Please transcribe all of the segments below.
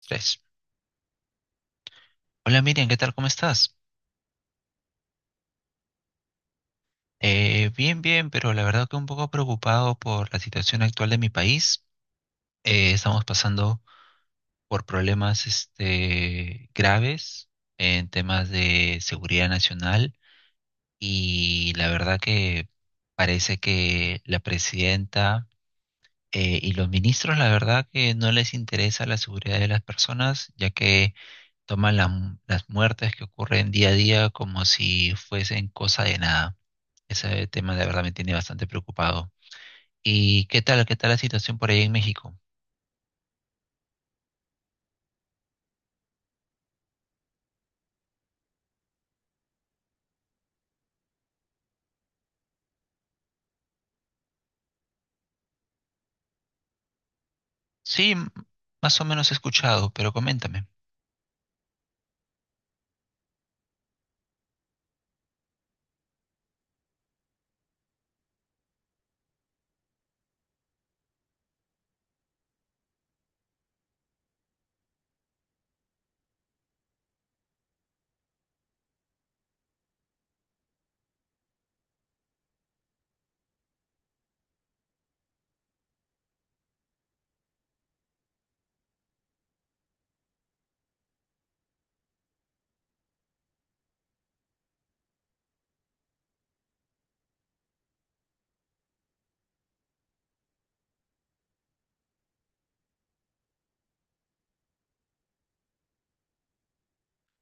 Tres. Hola Miriam, ¿qué tal? ¿Cómo estás? Bien, bien, pero la verdad que un poco preocupado por la situación actual de mi país. Estamos pasando por problemas graves en temas de seguridad nacional, y la verdad que parece que la presidenta y los ministros, la verdad que no les interesa la seguridad de las personas, ya que toman las muertes que ocurren día a día como si fuesen cosa de nada. Ese tema de verdad me tiene bastante preocupado. ¿Y qué tal la situación por ahí en México? Sí, más o menos he escuchado, pero coméntame.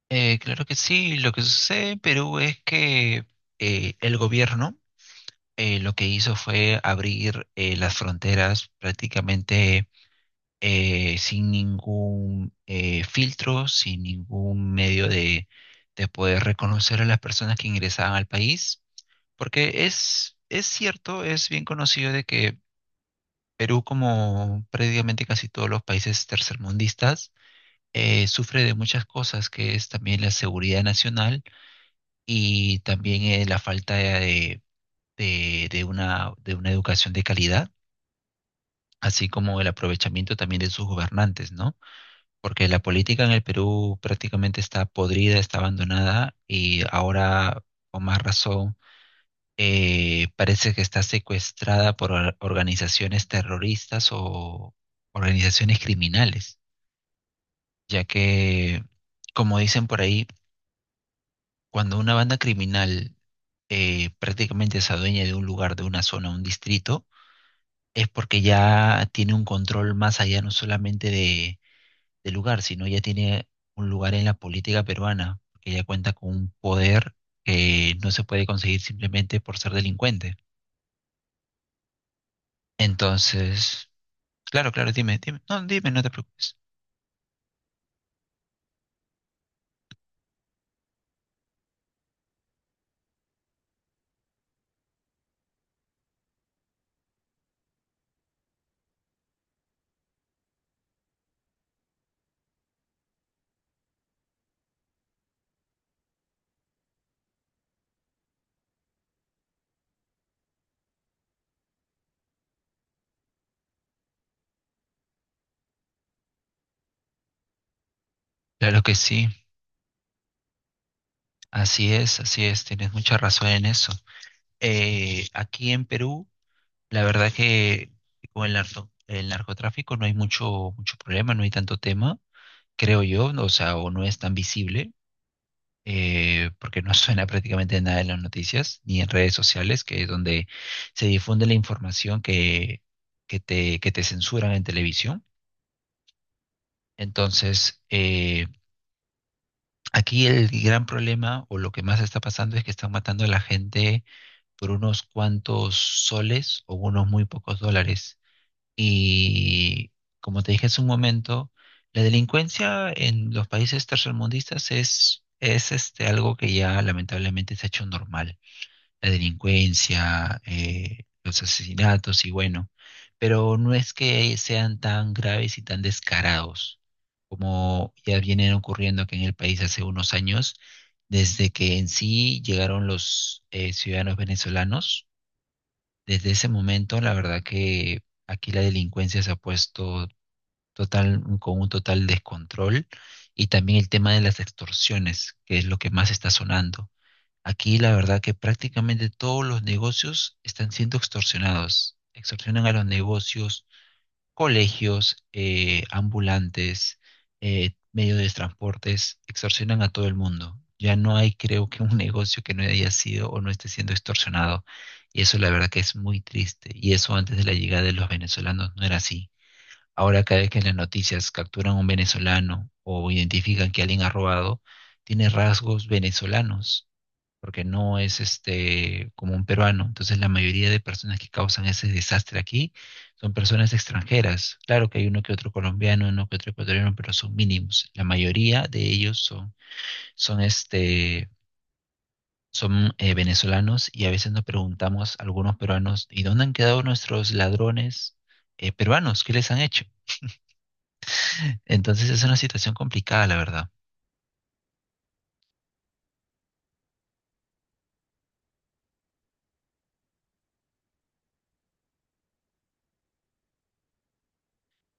Claro que sí. Lo que sucede en Perú es que el gobierno, lo que hizo fue abrir, las fronteras prácticamente, sin ningún, filtro, sin ningún medio de poder reconocer a las personas que ingresaban al país, porque es cierto, es bien conocido de que Perú, como prácticamente casi todos los países tercermundistas, sufre de muchas cosas, que es también la seguridad nacional y también, la falta de, de una educación de calidad, así como el aprovechamiento también de sus gobernantes, ¿no? Porque la política en el Perú prácticamente está podrida, está abandonada, y ahora, con más razón, parece que está secuestrada por organizaciones terroristas o organizaciones criminales. Ya que, como dicen por ahí, cuando una banda criminal prácticamente se adueña de un lugar, de una zona, un distrito, es porque ya tiene un control más allá no solamente del lugar, sino ya tiene un lugar en la política peruana, porque ya cuenta con un poder que no se puede conseguir simplemente por ser delincuente. Entonces, claro, claro, dime, dime, no te preocupes. Claro que sí, así es, tienes mucha razón en eso. Aquí en Perú, la verdad que con el narcotráfico no hay mucho, mucho problema, no hay tanto tema, creo yo, no, o sea, o no es tan visible, porque no suena prácticamente nada en las noticias, ni en redes sociales, que es donde se difunde la información que, que te censuran en televisión. Entonces, aquí el gran problema, o lo que más está pasando, es que están matando a la gente por unos cuantos soles o unos muy pocos dólares. Y como te dije hace un momento, la delincuencia en los países tercermundistas es algo que ya lamentablemente se ha hecho normal. La delincuencia, los asesinatos y bueno, pero no es que sean tan graves y tan descarados como ya vienen ocurriendo aquí en el país hace unos años, desde que en sí llegaron los, ciudadanos venezolanos. Desde ese momento, la verdad que aquí la delincuencia se ha puesto total, con un total descontrol, y también el tema de las extorsiones, que es lo que más está sonando. Aquí la verdad que prácticamente todos los negocios están siendo extorsionados. Extorsionan a los negocios, colegios, ambulantes, medios de transportes, extorsionan a todo el mundo. Ya no hay, creo que, un negocio que no haya sido o no esté siendo extorsionado. Y eso la verdad que es muy triste. Y eso antes de la llegada de los venezolanos no era así. Ahora cada vez que en las noticias capturan a un venezolano o identifican que alguien ha robado, tiene rasgos venezolanos porque no es este como un peruano. Entonces la mayoría de personas que causan ese desastre aquí son personas extranjeras. Claro que hay uno que otro colombiano, uno que otro ecuatoriano, pero son mínimos. La mayoría de ellos son, son este son venezolanos, y a veces nos preguntamos a algunos peruanos, ¿y dónde han quedado nuestros ladrones, peruanos? ¿Qué les han hecho? Entonces es una situación complicada, la verdad.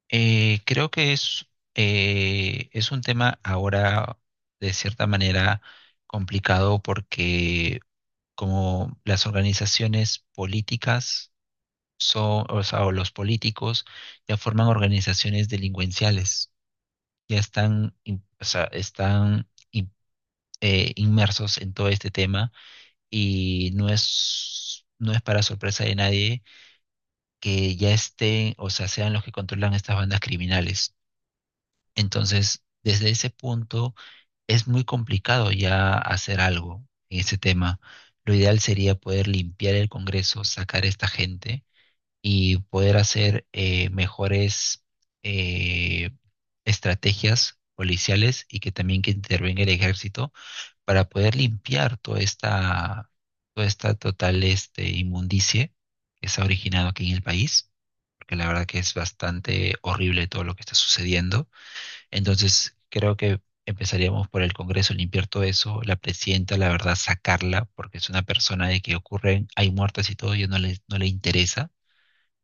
Creo que es un tema ahora de cierta manera complicado porque como las organizaciones políticas son, o sea, o los políticos ya forman organizaciones delincuenciales, ya están, o sea, están inmersos en todo este tema, y no es para sorpresa de nadie que ya estén, o sea, sean los que controlan estas bandas criminales. Entonces, desde ese punto es muy complicado ya hacer algo en ese tema. Lo ideal sería poder limpiar el Congreso, sacar a esta gente y poder hacer, mejores, eh, estrategias policiales, y que también que intervenga el ejército para poder limpiar toda esta total inmundicie que se ha originado aquí en el país, porque la verdad que es bastante horrible todo lo que está sucediendo. Entonces, creo que empezaríamos por el Congreso, limpiar todo eso, la presidenta, la verdad, sacarla, porque es una persona de que ocurren, hay muertes y todo, y no le interesa,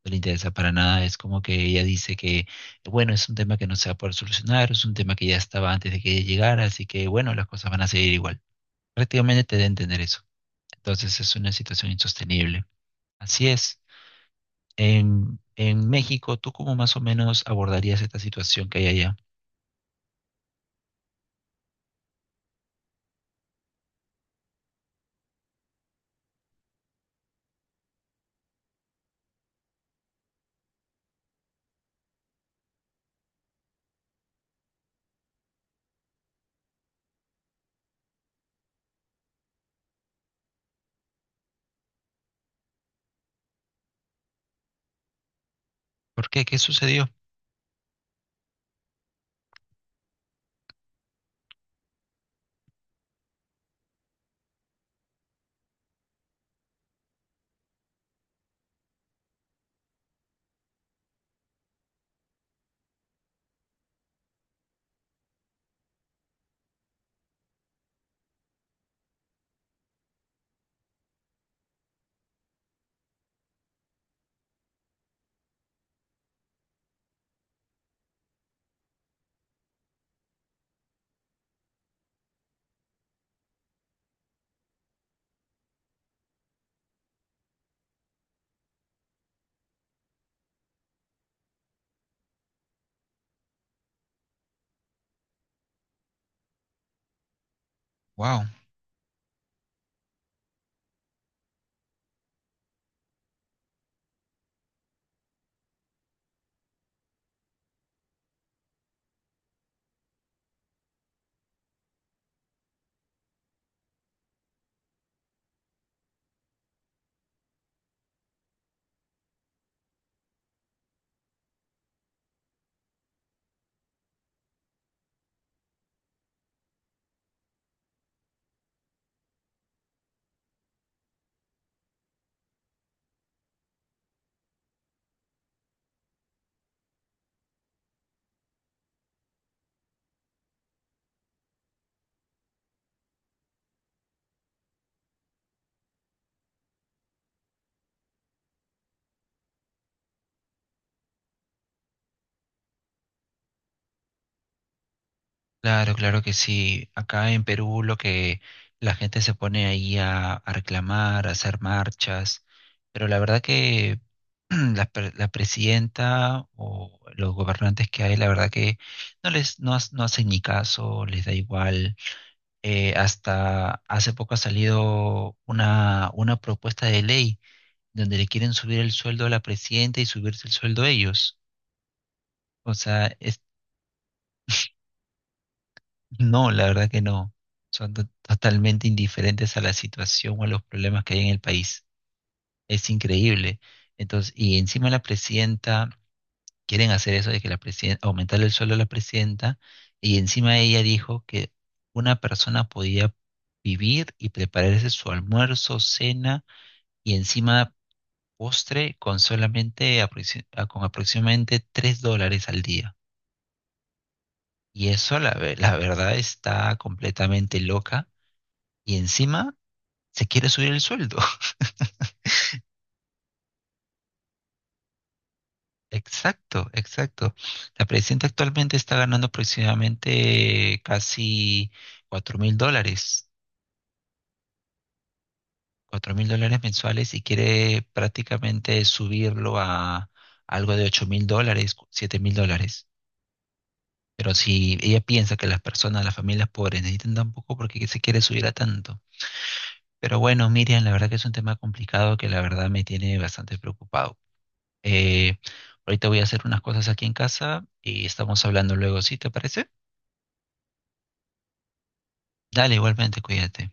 no le interesa para nada. Es como que ella dice que, bueno, es un tema que no se va a poder solucionar, es un tema que ya estaba antes de que ella llegara, así que, bueno, las cosas van a seguir igual. Prácticamente te da a entender eso. Entonces, es una situación insostenible. Así es. En México, ¿tú cómo más o menos abordarías esta situación que hay allá? ¿Por qué? ¿Qué sucedió? Wow. Claro, claro que sí. Acá en Perú lo que la gente se pone ahí a reclamar, a hacer marchas, pero la verdad que la presidenta o los gobernantes que hay, la verdad que no hacen ni caso, les da igual. Hasta hace poco ha salido una propuesta de ley donde le quieren subir el sueldo a la presidenta y subirse el sueldo a ellos. O sea, no, la verdad que no. Son totalmente indiferentes a la situación o a los problemas que hay en el país. Es increíble. Entonces, y encima la presidenta, quieren hacer eso de que la presidenta, aumentar el sueldo a la presidenta, y encima ella dijo que una persona podía vivir y prepararse su almuerzo, cena y encima postre con solamente con aproximadamente $3 al día. Y eso la verdad está completamente loca. Y encima se quiere subir el sueldo. Exacto, exacto. La presidenta actualmente está ganando aproximadamente casi $4,000, $4,000 mensuales, y quiere prácticamente subirlo a algo de $8,000, $7,000. Pero si ella piensa que las personas, las familias pobres necesitan tan poco, ¿por qué se quiere subir a tanto? Pero bueno, Miriam, la verdad que es un tema complicado que la verdad me tiene bastante preocupado. Eh, Ahorita voy a hacer unas cosas aquí en casa y estamos hablando luego, ¿sí? ¿Te parece? Dale, igualmente, cuídate.